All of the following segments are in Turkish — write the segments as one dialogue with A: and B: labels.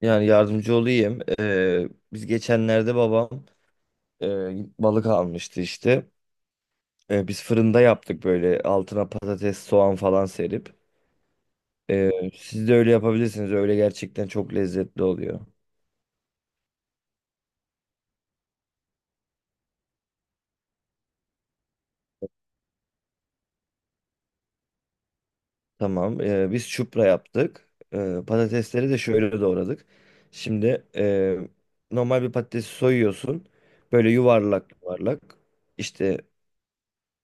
A: Yani yardımcı olayım. Biz geçenlerde babam e, balık almıştı işte. Biz fırında yaptık böyle altına patates, soğan falan serip. Siz de öyle yapabilirsiniz. Öyle gerçekten çok lezzetli oluyor. Tamam. Biz çupra yaptık. Patatesleri de şöyle doğradık. Şimdi normal bir patatesi soyuyorsun. Böyle yuvarlak yuvarlak. İşte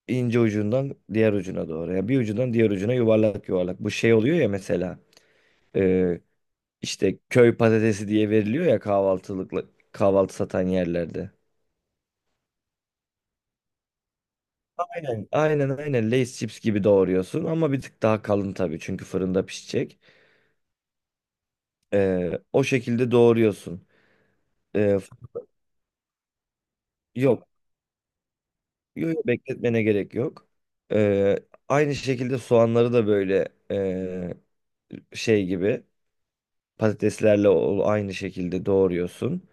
A: ince ucundan diğer ucuna doğru. Yani bir ucundan diğer ucuna yuvarlak yuvarlak. Bu şey oluyor ya mesela. Ee, işte köy patatesi diye veriliyor ya kahvaltılıkla kahvaltı satan yerlerde. Aynen. Aynen Lay's chips gibi doğruyorsun ama bir tık daha kalın tabii çünkü fırında pişecek. O şekilde doğruyorsun. Ee, f- Yok, yok, bekletmene gerek yok. Ee, Aynı şekilde soğanları da böyle şey gibi aynı şekilde doğruyorsun.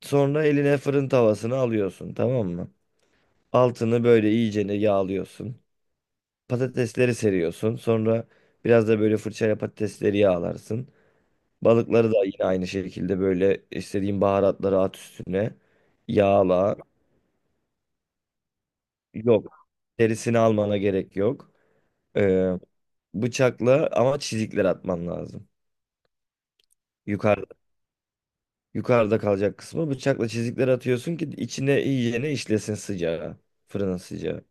A: Sonra eline fırın tavasını alıyorsun, tamam mı? Altını böyle iyicene yağlıyorsun. Patatesleri seriyorsun. Sonra biraz da böyle fırçayla patatesleri yağlarsın. Balıkları da yine aynı şekilde böyle istediğin baharatları at üstüne. Yağla. Yok. Derisini almana gerek yok. Ee, Bıçakla ama çizikler atman lazım. Yukarıda, yukarıda kalacak kısmı bıçakla çizikler atıyorsun ki içine iyicene işlesin sıcağı. Fırının sıcağı.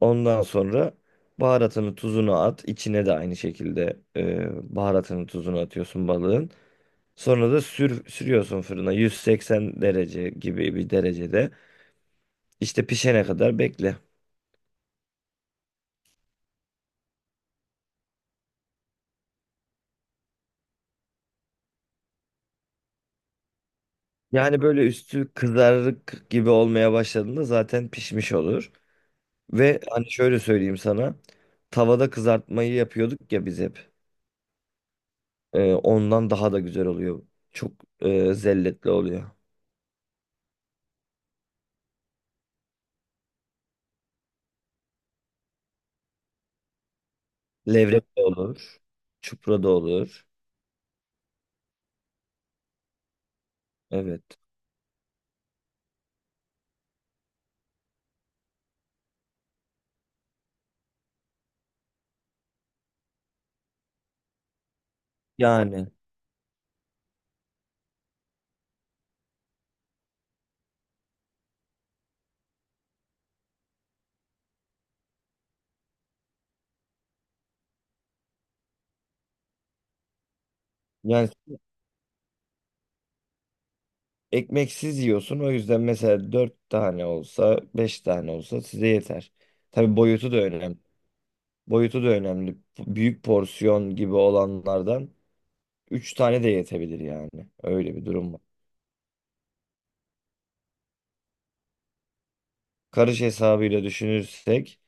A: Ondan sonra baharatını tuzunu at. İçine de aynı şekilde baharatını tuzunu atıyorsun balığın. Sonra da sürüyorsun fırına 180 derece gibi bir derecede. İşte pişene kadar bekle. Yani böyle üstü kızarık gibi olmaya başladığında zaten pişmiş olur. Ve hani şöyle söyleyeyim sana. Tavada kızartmayı yapıyorduk ya biz hep. Ondan daha da güzel oluyor. Çok zelletli oluyor. Levrek de olur. Çupra da olur. Evet. Yani yani ekmeksiz yiyorsun. O yüzden mesela 4 tane olsa, 5 tane olsa size yeter. Tabii boyutu da önemli. Boyutu da önemli. Büyük porsiyon gibi olanlardan 3 tane de yetebilir yani. Öyle bir durum var. Karış hesabıyla düşünürsek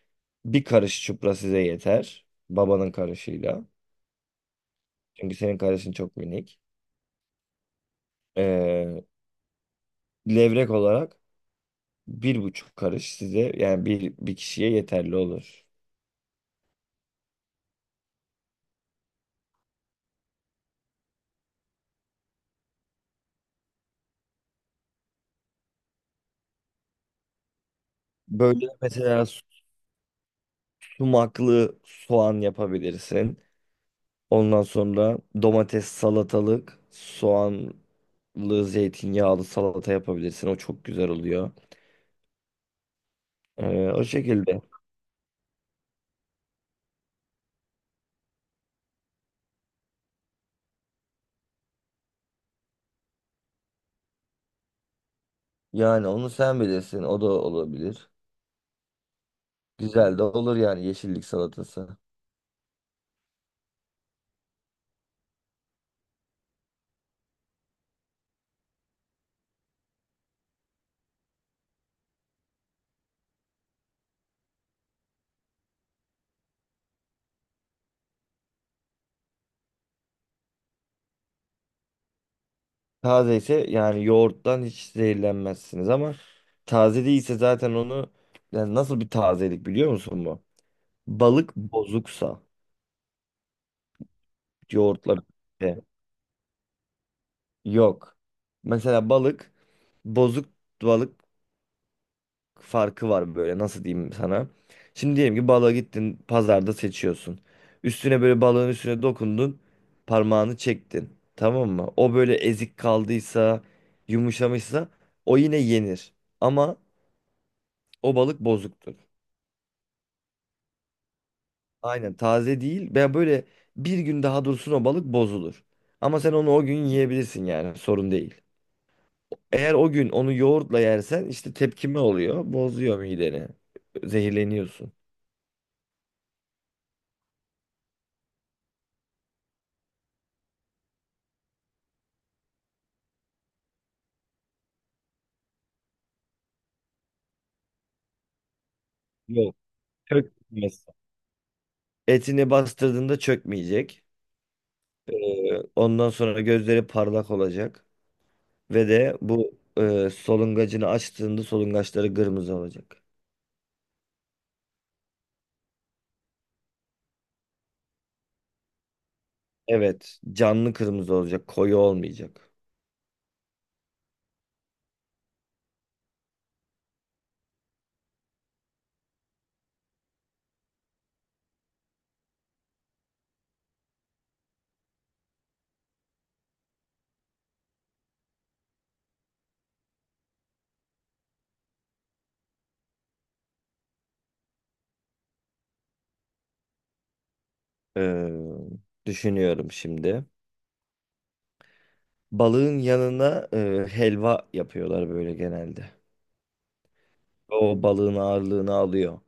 A: bir karış çupra size yeter. Babanın karışıyla. Çünkü senin karışın çok minik. Ee, Levrek olarak bir buçuk karış size yani bir kişiye yeterli olur. Böyle mesela sumaklı soğan yapabilirsin. Ondan sonra domates, salatalık, soğanlı, zeytinyağlı salata yapabilirsin. O çok güzel oluyor. O şekilde. Yani onu sen bilirsin. O da olabilir. Güzel de olur yani yeşillik salatası. Taze ise yani yoğurttan hiç zehirlenmezsiniz ama taze değilse zaten onu yani nasıl bir tazelik biliyor musun bu? Balık bozuksa yoğurtla birlikte. Yok. Mesela balık, bozuk balık farkı var böyle. Nasıl diyeyim sana? Şimdi diyelim ki balığa gittin, pazarda seçiyorsun. Üstüne böyle balığın üstüne dokundun, parmağını çektin. Tamam mı? O böyle ezik kaldıysa, yumuşamışsa o yine yenir. Ama o balık bozuktur. Aynen, taze değil. Ben böyle bir gün daha dursun o balık bozulur. Ama sen onu o gün yiyebilirsin, yani sorun değil. Eğer o gün onu yoğurtla yersen işte tepkime oluyor. Bozuyor mideni. Zehirleniyorsun. Yok. Çökmez. Etini bastırdığında çökmeyecek. Ee, Ondan sonra gözleri parlak olacak. Ve de bu solungacını açtığında solungaçları kırmızı olacak. Evet. Canlı kırmızı olacak. Koyu olmayacak. Ee, Düşünüyorum şimdi. Balığın yanına helva yapıyorlar böyle genelde. O balığın ağırlığını alıyor.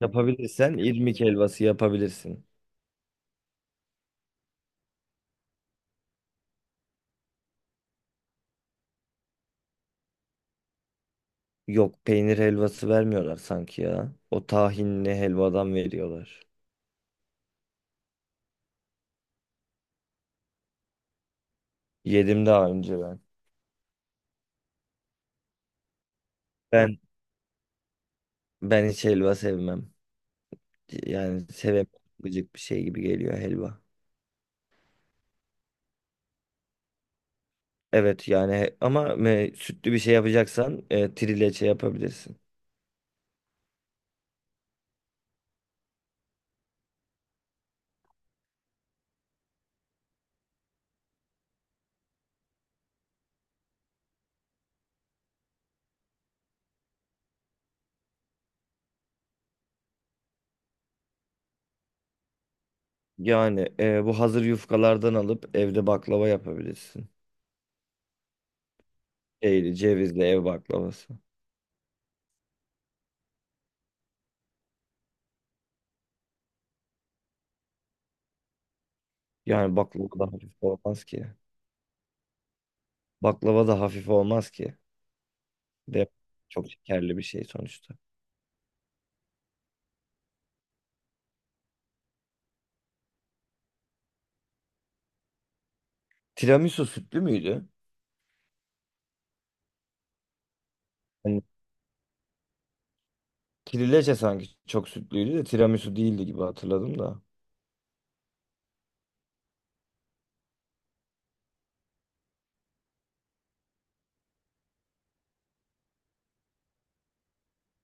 A: Yapabilirsen irmik helvası yapabilirsin. Yok, peynir helvası vermiyorlar sanki ya. O tahinli helvadan veriyorlar. Yedim daha önce ben. Ben ben hiç helva sevmem. Yani sevemem. Gıcık bir şey gibi geliyor helva. Evet yani ama sütlü bir şey yapacaksan trileçe yapabilirsin. Yani bu hazır yufkalardan alıp evde baklava yapabilirsin. Şeyli, cevizli ev baklavası. Yani baklava da hafif olmaz ki. Baklava da hafif olmaz ki. De çok şekerli bir şey sonuçta. Tiramisu sütlü müydü? Hani kirileçe sanki çok sütlüydü de tiramisu değildi gibi hatırladım da.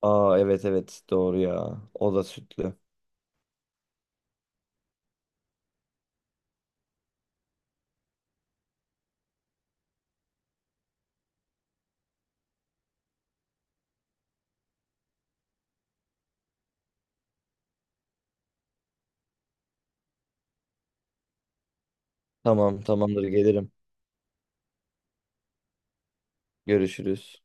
A: Aa, evet evet, doğru ya. O da sütlü. Tamam, tamamdır, gelirim. Görüşürüz.